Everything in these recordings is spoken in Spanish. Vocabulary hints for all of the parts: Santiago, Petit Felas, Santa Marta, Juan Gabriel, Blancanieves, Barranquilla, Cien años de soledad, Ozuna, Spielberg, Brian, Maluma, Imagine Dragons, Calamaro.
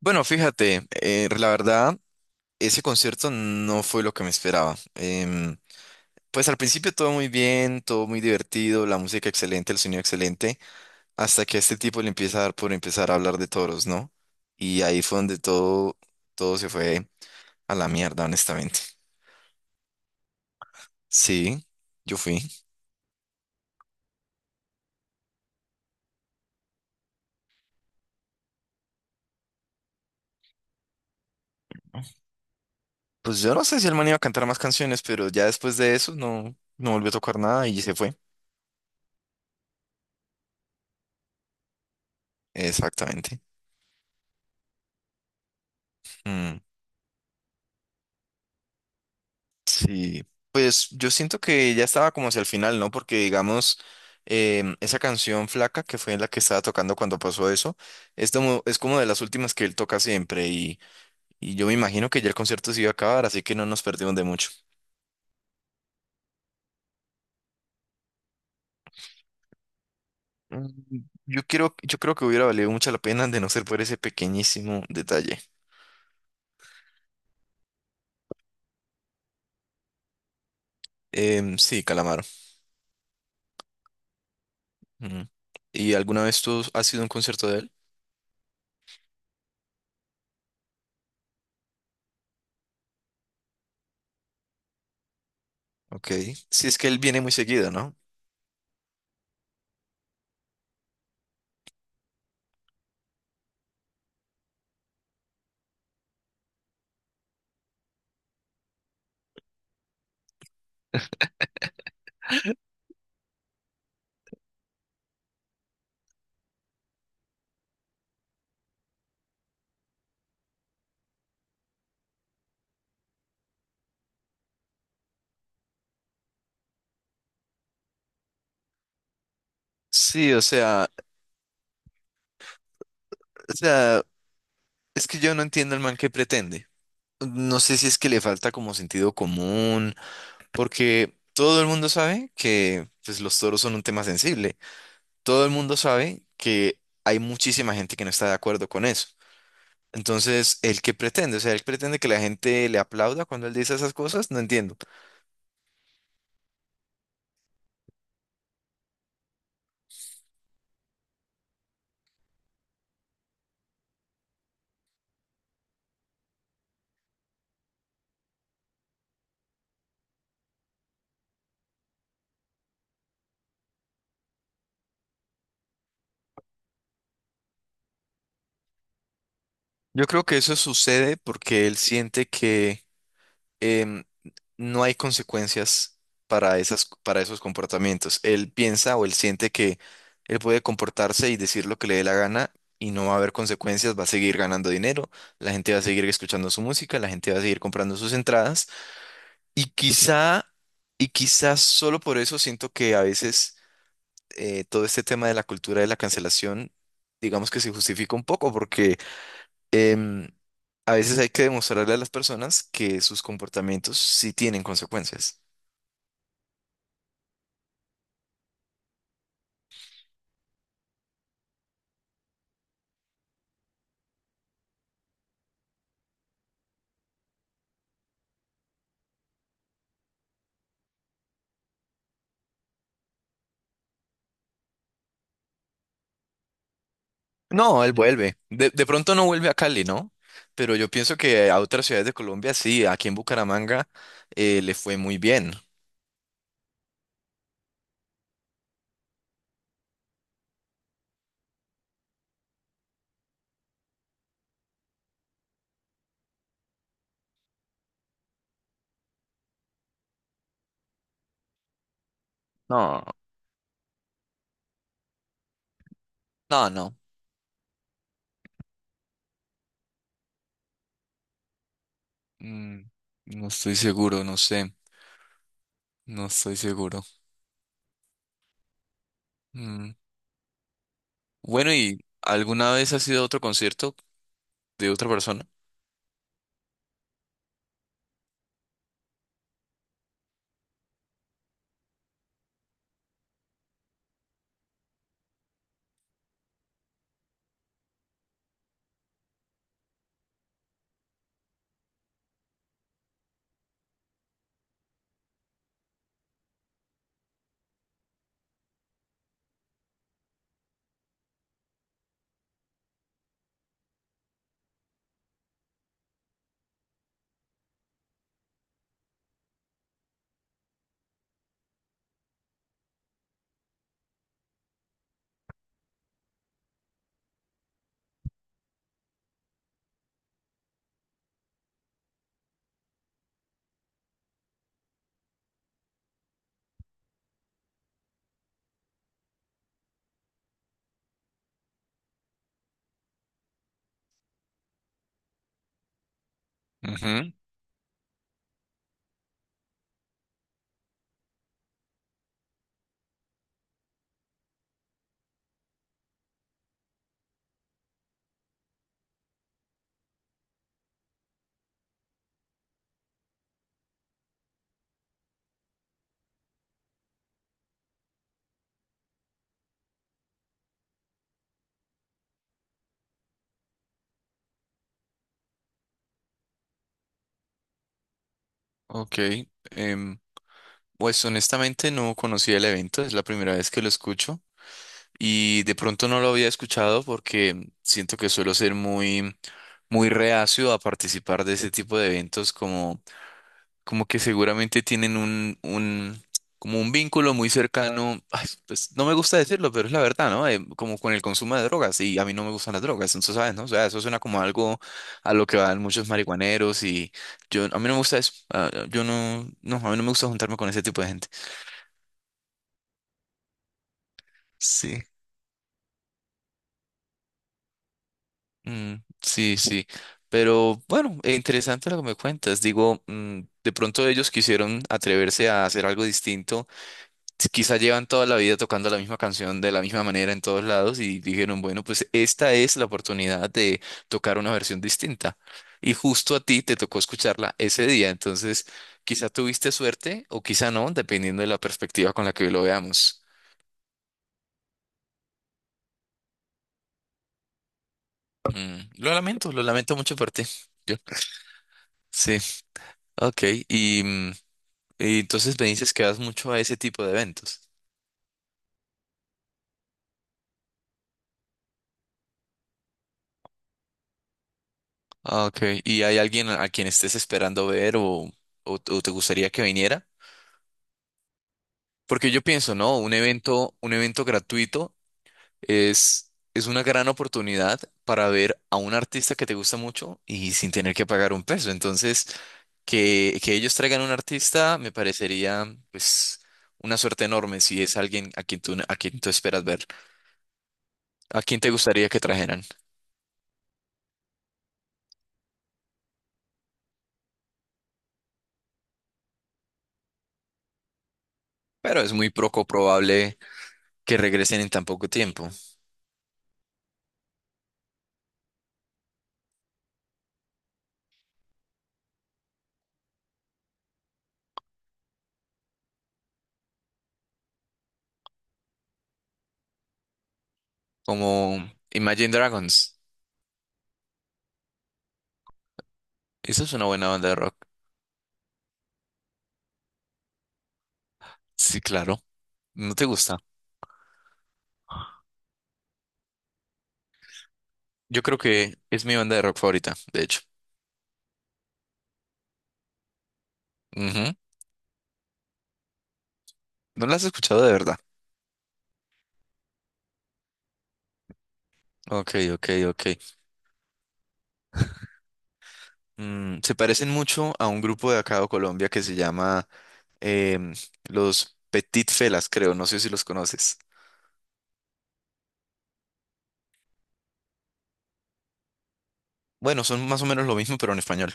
Bueno, fíjate, la verdad, ese concierto no fue lo que me esperaba. Pues al principio todo muy bien, todo muy divertido, la música excelente, el sonido excelente, hasta que a este tipo le empieza a dar por empezar a hablar de toros, ¿no? Y ahí fue donde todo se fue a la mierda, honestamente. Sí, yo fui. Pues yo no sé si el man iba a cantar más canciones, pero ya después de eso no volvió a tocar nada y se fue. Exactamente. Mm. Sí, pues yo siento que ya estaba como hacia el final, ¿no? Porque digamos, esa canción Flaca, que fue la que estaba tocando cuando pasó eso, es como de las últimas que él toca siempre, y yo me imagino que ya el concierto se iba a acabar, así que no nos perdimos de mucho. Mm, yo quiero, yo creo que hubiera valido mucho la pena de no ser por ese pequeñísimo detalle. Sí, Calamaro. Ujú. ¿Y alguna vez tú has sido a un concierto de él? Ok. Sí, es que él viene muy seguido, ¿no? Sí, o sea, es que yo no entiendo el man que pretende. No sé si es que le falta como sentido común, porque todo el mundo sabe que pues, los toros son un tema sensible. Todo el mundo sabe que hay muchísima gente que no está de acuerdo con eso. Entonces, ¿el que pretende? O sea, ¿él pretende que la gente le aplauda cuando él dice esas cosas? No entiendo. Yo creo que eso sucede porque él siente que em, no hay consecuencias para para esos comportamientos. Él piensa o él siente que él puede comportarse y decir lo que le dé la gana y no va a haber consecuencias, va a seguir ganando dinero, la gente va a seguir escuchando su música, la gente va a seguir comprando sus entradas y quizá, y quizás solo por eso siento que a veces todo este tema de la cultura de la cancelación, digamos que se justifica un poco porque... em, A veces hay que demostrarle a las personas que sus comportamientos sí tienen consecuencias. No, él vuelve. De pronto no vuelve a Cali, ¿no? Pero yo pienso que a otras ciudades de Colombia sí, aquí en Bucaramanga le fue muy bien. No, no. Mm, no estoy seguro, no sé. No estoy seguro. Mm. Bueno, ¿y alguna vez has ido a otro concierto de otra persona? Ujú. Ok. Em, pues honestamente no conocía el evento, es la primera vez que lo escucho. Y de pronto no lo había escuchado porque siento que suelo ser muy reacio a participar de ese tipo de eventos como, como que seguramente tienen un, como un vínculo muy cercano, ay, pues no me gusta decirlo, pero es la verdad, ¿no? Como con el consumo de drogas y a mí no me gustan las drogas, entonces, ¿sabes? ¿No? O sea, eso suena como algo a lo que van muchos marihuaneros y yo, a mí no me gusta eso. Ah, yo no, a mí no me gusta juntarme con ese tipo de gente. Sí. Mm, sí, sí. Pero bueno, interesante lo que me cuentas. Digo, mm, de pronto ellos quisieron atreverse a hacer algo distinto. Si quizá llevan toda la vida tocando la misma canción de la misma manera en todos lados y dijeron, bueno, pues esta es la oportunidad de tocar una versión distinta. Y justo a ti te tocó escucharla ese día. Entonces, quizá tuviste suerte o quizá no, dependiendo de la perspectiva con la que lo veamos. Mm, lo lamento mucho por ti. Yo- Sí, ok. Y... mm, y entonces me dices que vas mucho a ese tipo de eventos. Ah, ok, ¿y hay alguien a quien estés esperando ver o te gustaría que viniera? Porque yo pienso, ¿no? Un evento gratuito es una gran oportunidad para ver a un artista que te gusta mucho y sin tener que pagar un peso. Entonces, que ellos traigan un artista me parecería, pues, una suerte enorme si es alguien a quien a quien tú esperas ver. ¿A quién te gustaría que trajeran? Pero es muy poco probable que regresen en tan poco tiempo, como Imagine Dragons. Esa es una buena banda de rock. Sí, claro. ¿No te gusta? Yo creo que es mi banda de rock favorita, de hecho. Ujú. ¿No la has escuchado de verdad? Ok, ok, ok. Mm, se parecen mucho a un grupo de acá de Colombia que se llama em, los Petit Felas, creo. No sé si los conoces. Bueno, son más o menos lo mismo, pero en español.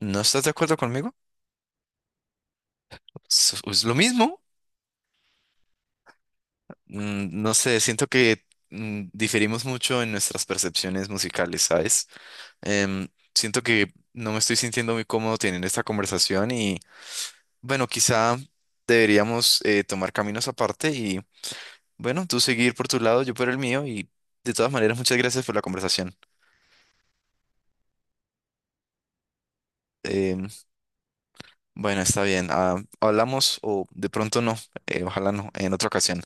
¿No estás de acuerdo conmigo? Es lo mismo. Mm, no sé, siento que mm, diferimos mucho en nuestras percepciones musicales, ¿sabes? Em, Siento que no me estoy sintiendo muy cómodo teniendo esta conversación y bueno, quizá deberíamos tomar caminos aparte y bueno, tú seguir por tu lado, yo por el mío y de todas maneras muchas gracias por la conversación. Em, bueno, está bien, ah, hablamos o de pronto no, ojalá no, en otra ocasión.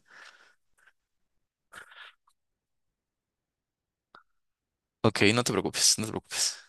Ok, no te preocupes.